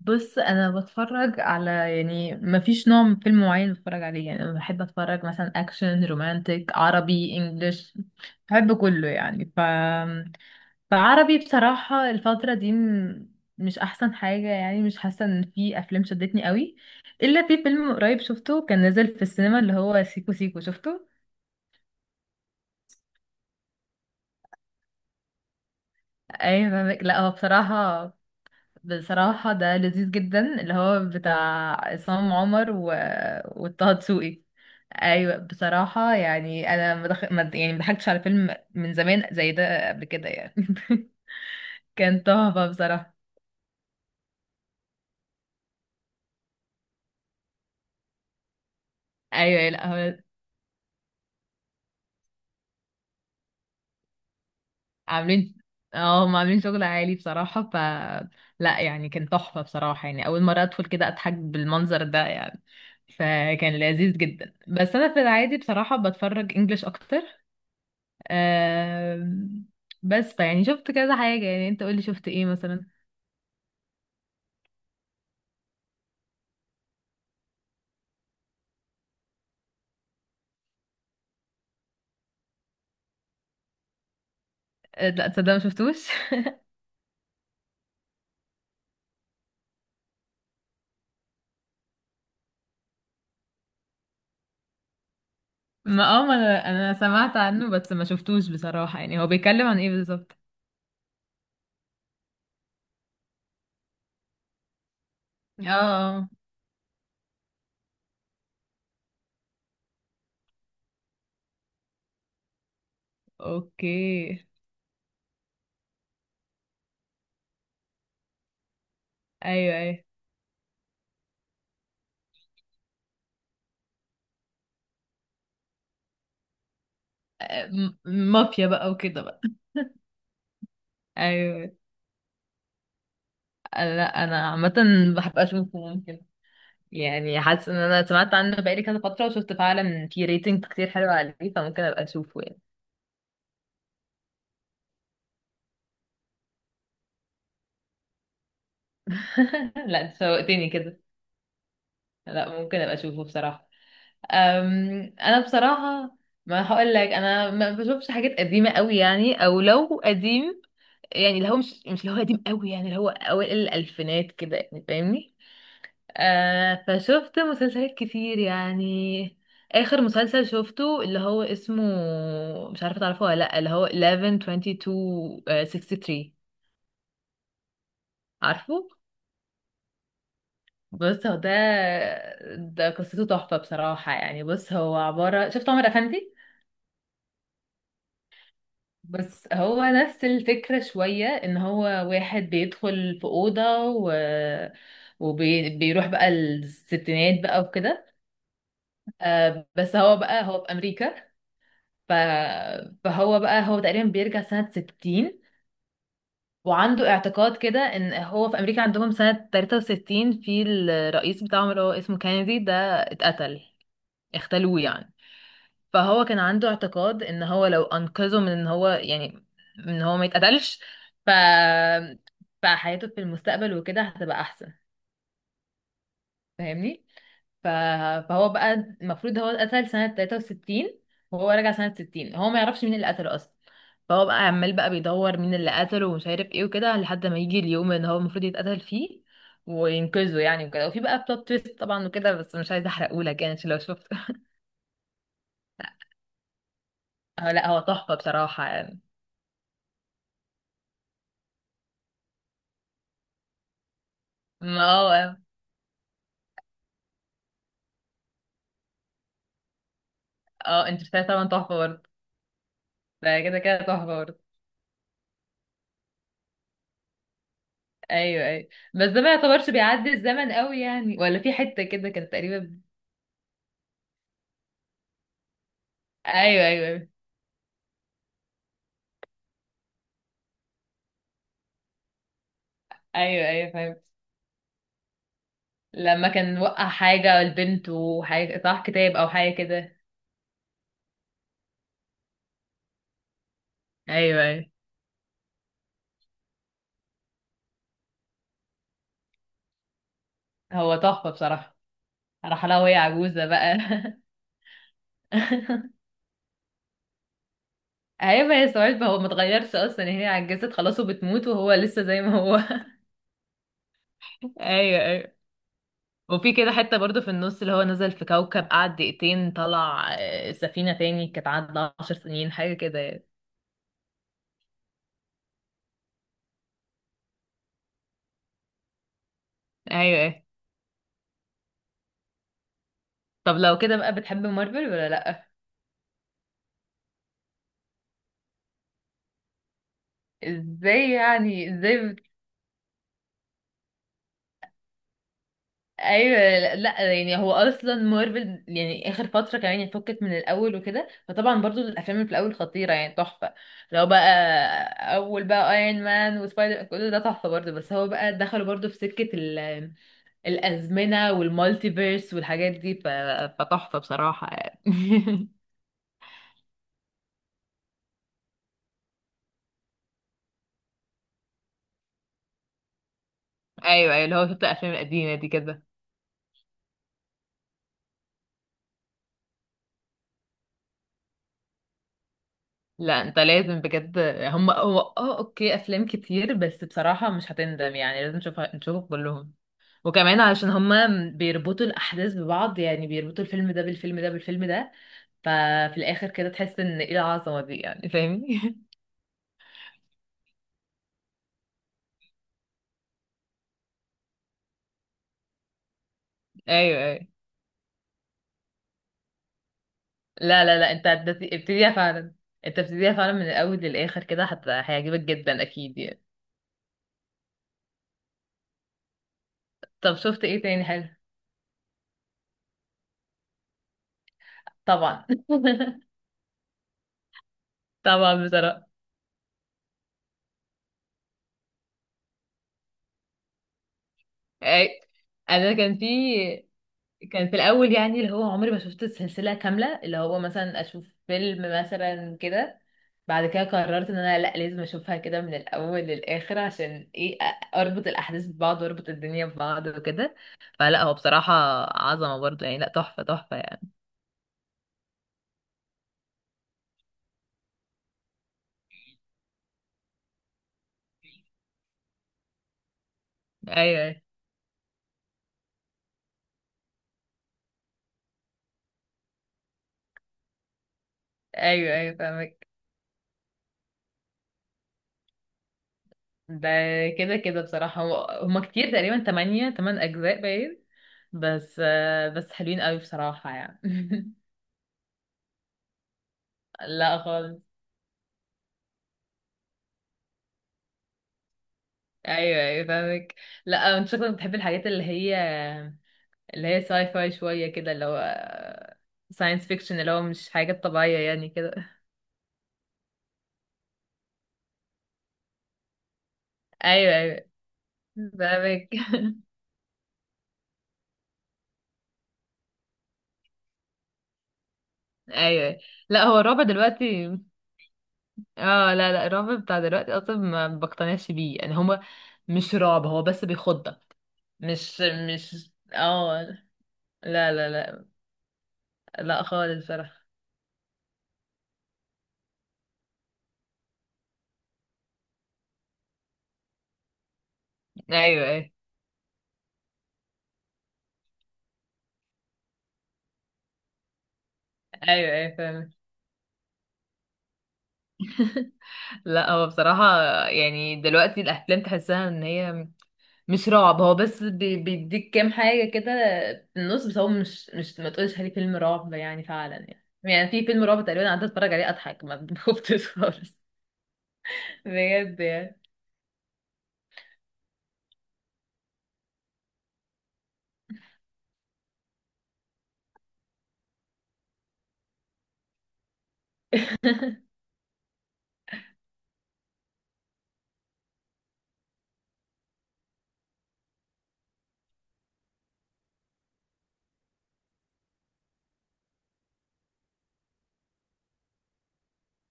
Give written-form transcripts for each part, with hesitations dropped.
بص انا بتفرج على، يعني ما فيش نوع من فيلم معين بتفرج عليه. يعني انا بحب اتفرج مثلا اكشن، رومانتك، عربي، انجليش، بحب كله يعني. فعربي بصراحة الفترة دي مش احسن حاجة، يعني مش حاسة ان في افلام شدتني قوي، الا في فيلم قريب شفته كان نازل في السينما اللي هو سيكو سيكو شفته. ايوه فاهمك. لا هو بصراحة، بصراحة ده لذيذ جدا، اللي هو بتاع عصام عمر وطه دسوقي. ايوه بصراحة، يعني انا مدخ... مد... يعني مضحكتش على فيلم من زمان زي ده قبل كده يعني. كان تحفة بصراحة. ايوه لا هو عاملين، اه هم عاملين شغل عالي بصراحة. ف، لا يعني كان تحفة بصراحة، يعني اول مرة ادخل كده اضحك بالمنظر ده يعني. فكان لذيذ جدا، بس انا في العادي بصراحة بتفرج انجليش اكتر. آم، بس فيعني شفت كذا حاجة. يعني انت قولي، شفت ايه مثلا؟ لا تصدق ما شفتوش. ما انا سمعت عنه بس ما شفتوش بصراحة. يعني هو بيتكلم عن ايه بالظبط؟ اه، اوكي. ايوه ايوه. مافيا بقى وكده بقى. ايوه، لا انا عامة بحب اشوفه، ممكن يعني. حاسة ان انا سمعت عنه بقالي كذا فترة، وشفت فعلا في ريتنج كتير حلو عليه، فممكن ابقى اشوفه يعني. لا انت شوقتني كده، لا ممكن ابقى اشوفه بصراحة. انا بصراحه ما هقول لك، انا ما بشوفش حاجات قديمه قوي يعني، او لو قديم يعني اللي هو مش اللي هو قديم قوي، يعني اللي هو اوائل الالفينات كده، يعني فاهمني؟ آه، فشفت مسلسلات كتير يعني. اخر مسلسل شفته اللي هو اسمه، مش عارفه تعرفه ولا لا، اللي هو 11/22/63. عارفه؟ بص هو ده، ده قصته تحفه بصراحه يعني. بص هو عباره، شفت عمر افندي؟ بس هو نفس الفكرة شوية، ان هو واحد بيدخل في أوضة وبيروح بقى الستينات بقى وكده. بس هو بقى هو في أمريكا، ف... فهو بقى هو تقريبا بيرجع سنة 60، وعنده اعتقاد كده ان هو في أمريكا عندهم سنة 63، في الرئيس بتاعهم اللي هو اسمه كينيدي ده اتقتل، اختلوه يعني. فهو كان عنده اعتقاد ان هو لو انقذه من ان هو يعني، من ان هو ما يتقتلش، ف فحياته في المستقبل وكده هتبقى احسن، فاهمني؟ ف... فهو بقى المفروض هو اتقتل سنة 63، وهو راجع سنة 60، هو ما يعرفش مين اللي قتله اصلا. فهو بقى عمال بقى بيدور مين اللي قتله ومش عارف ايه وكده، لحد ما يجي اليوم ان هو المفروض يتقتل فيه وينقذه يعني وكده. وفي بقى بلوت تويست طبعا وكده، بس مش عايزه احرقهولك يعني عشان لو شفت. لا هو تحفه بصراحه يعني. ما هو اه انترستيلر طبعا تحفة برضه، ده كده كده تحفة برضه. ايوه ايوه، بس ده ما يعتبرش بيعدي الزمن قوي يعني، ولا في حتة كده كانت تقريبا. ايوه ايوه ايوه ايوه فاهم. لما كان وقع حاجة البنت وحاجة، صح، كتاب او حاجة كده. ايوه ايوه، هو تحفة بصراحة. راح لها وهي عجوزة بقى. ايوه ما هي صعيب، هو ما اتغيرش اصلا، هي عجزت خلاص وبتموت وهو لسه زي ما هو. ايوه ايوه. وفي كده حتة برضو في النص، اللي هو نزل في كوكب قعد دقيقتين طلع، سفينة تاني كانت عدى عشر سنين حاجة كده يعني. ايوه ايه. طب لو كده بقى، بتحب مارفل ولا لأ؟ ازاي يعني، ازاي؟ ايوه لا لا، يعني هو اصلا مارفل يعني اخر فتره كمان يعني فكت من الاول وكده، فطبعا برضو الافلام اللي في الاول خطيره يعني، تحفه. لو بقى اول بقى ايرون مان وسبايدر كل ده تحفه برضو، بس هو بقى دخلوا برضو في سكه الازمنه والمالتيفيرس والحاجات دي فتحفه بصراحه يعني. ايوه ايوه، اللي هو شفت الافلام القديمه دي كده. لا انت لازم بجد، هم هو اه اوكي افلام كتير، بس بصراحه مش هتندم يعني، لازم تشوفها، نشوفهم كلهم. وكمان علشان هما بيربطوا الأحداث ببعض، يعني بيربطوا الفيلم ده بالفيلم ده بالفيلم ده، ففي الآخر كده تحس إن إيه العظمة دي يعني، فاهمني؟ أيوه أيوه. لا أنت ابتديها فعلا. أنت ابتديها فعلا من الأول للآخر، كده هيعجبك جدا أكيد يعني. طب شفت إيه تاني حلو؟ طبعا. طبعا بصراحة. أي. أنا كان في، كان في الاول يعني اللي هو عمري ما شفت السلسله كامله، اللي هو مثلا اشوف فيلم مثلا كده. بعد كده قررت ان انا لا لازم اشوفها كده من الاول للاخر، عشان ايه اربط الاحداث ببعض واربط الدنيا ببعض وكده. فلا هو بصراحه عظمه برضه يعني، لا تحفه تحفه يعني. ايوه ايوه ايوه فاهمك. ده كده كده بصراحه هما كتير، تقريبا تمانية، تمن اجزاء باين. بس بس حلوين قوي بصراحه يعني. لا خالص. ايوه ايوه فاهمك. لا انت شكلك بتحب الحاجات اللي هي، اللي هي ساي فاي شويه كده، اللي هو ساينس فيكشن اللي هو مش حاجه طبيعيه يعني كده. ايوه ايوه فاهمك. ايوه. لا هو الرعب دلوقتي، اه لا لا الرعب بتاع دلوقتي اصلا ما بقتنعش بيه يعني، هما مش رعب هو بس بيخضك. مش. لا لا خالص بصراحه. ايوه ايوه ايوه فاهمك. لا هو بصراحة، يعني دلوقتي الأفلام تحسها إن هي مش رعب، هو بس بيديك كام حاجة كده في النص، بس هو مش ما تقولش عليه فيلم رعب يعني فعلا يعني. يعني في فيلم رعب تقريبا قعدت اتفرج عليه اضحك، ما خفتش خالص بجد يعني.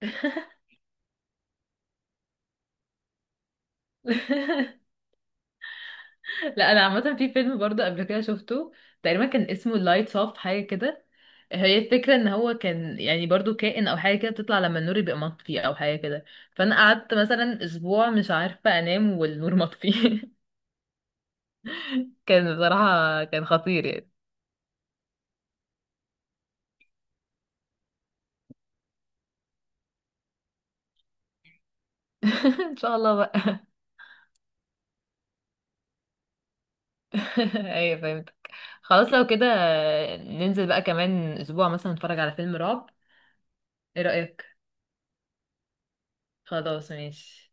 لا انا عامة في فيلم برضه قبل كده شفته، تقريبا كان اسمه لايتس اوف حاجة كده. هي الفكرة ان هو كان يعني برضو كائن او حاجة كده، بتطلع لما النور يبقى مطفي او حاجة كده. فانا قعدت مثلا اسبوع مش عارفة انام والنور مطفي. كان بصراحة، كان خطير يعني. ان شاء الله بقى. ايوه فهمتك. خلاص لو كده، ننزل بقى كمان اسبوع مثلا نتفرج على فيلم رعب، ايه رأيك؟ خلاص ماشي.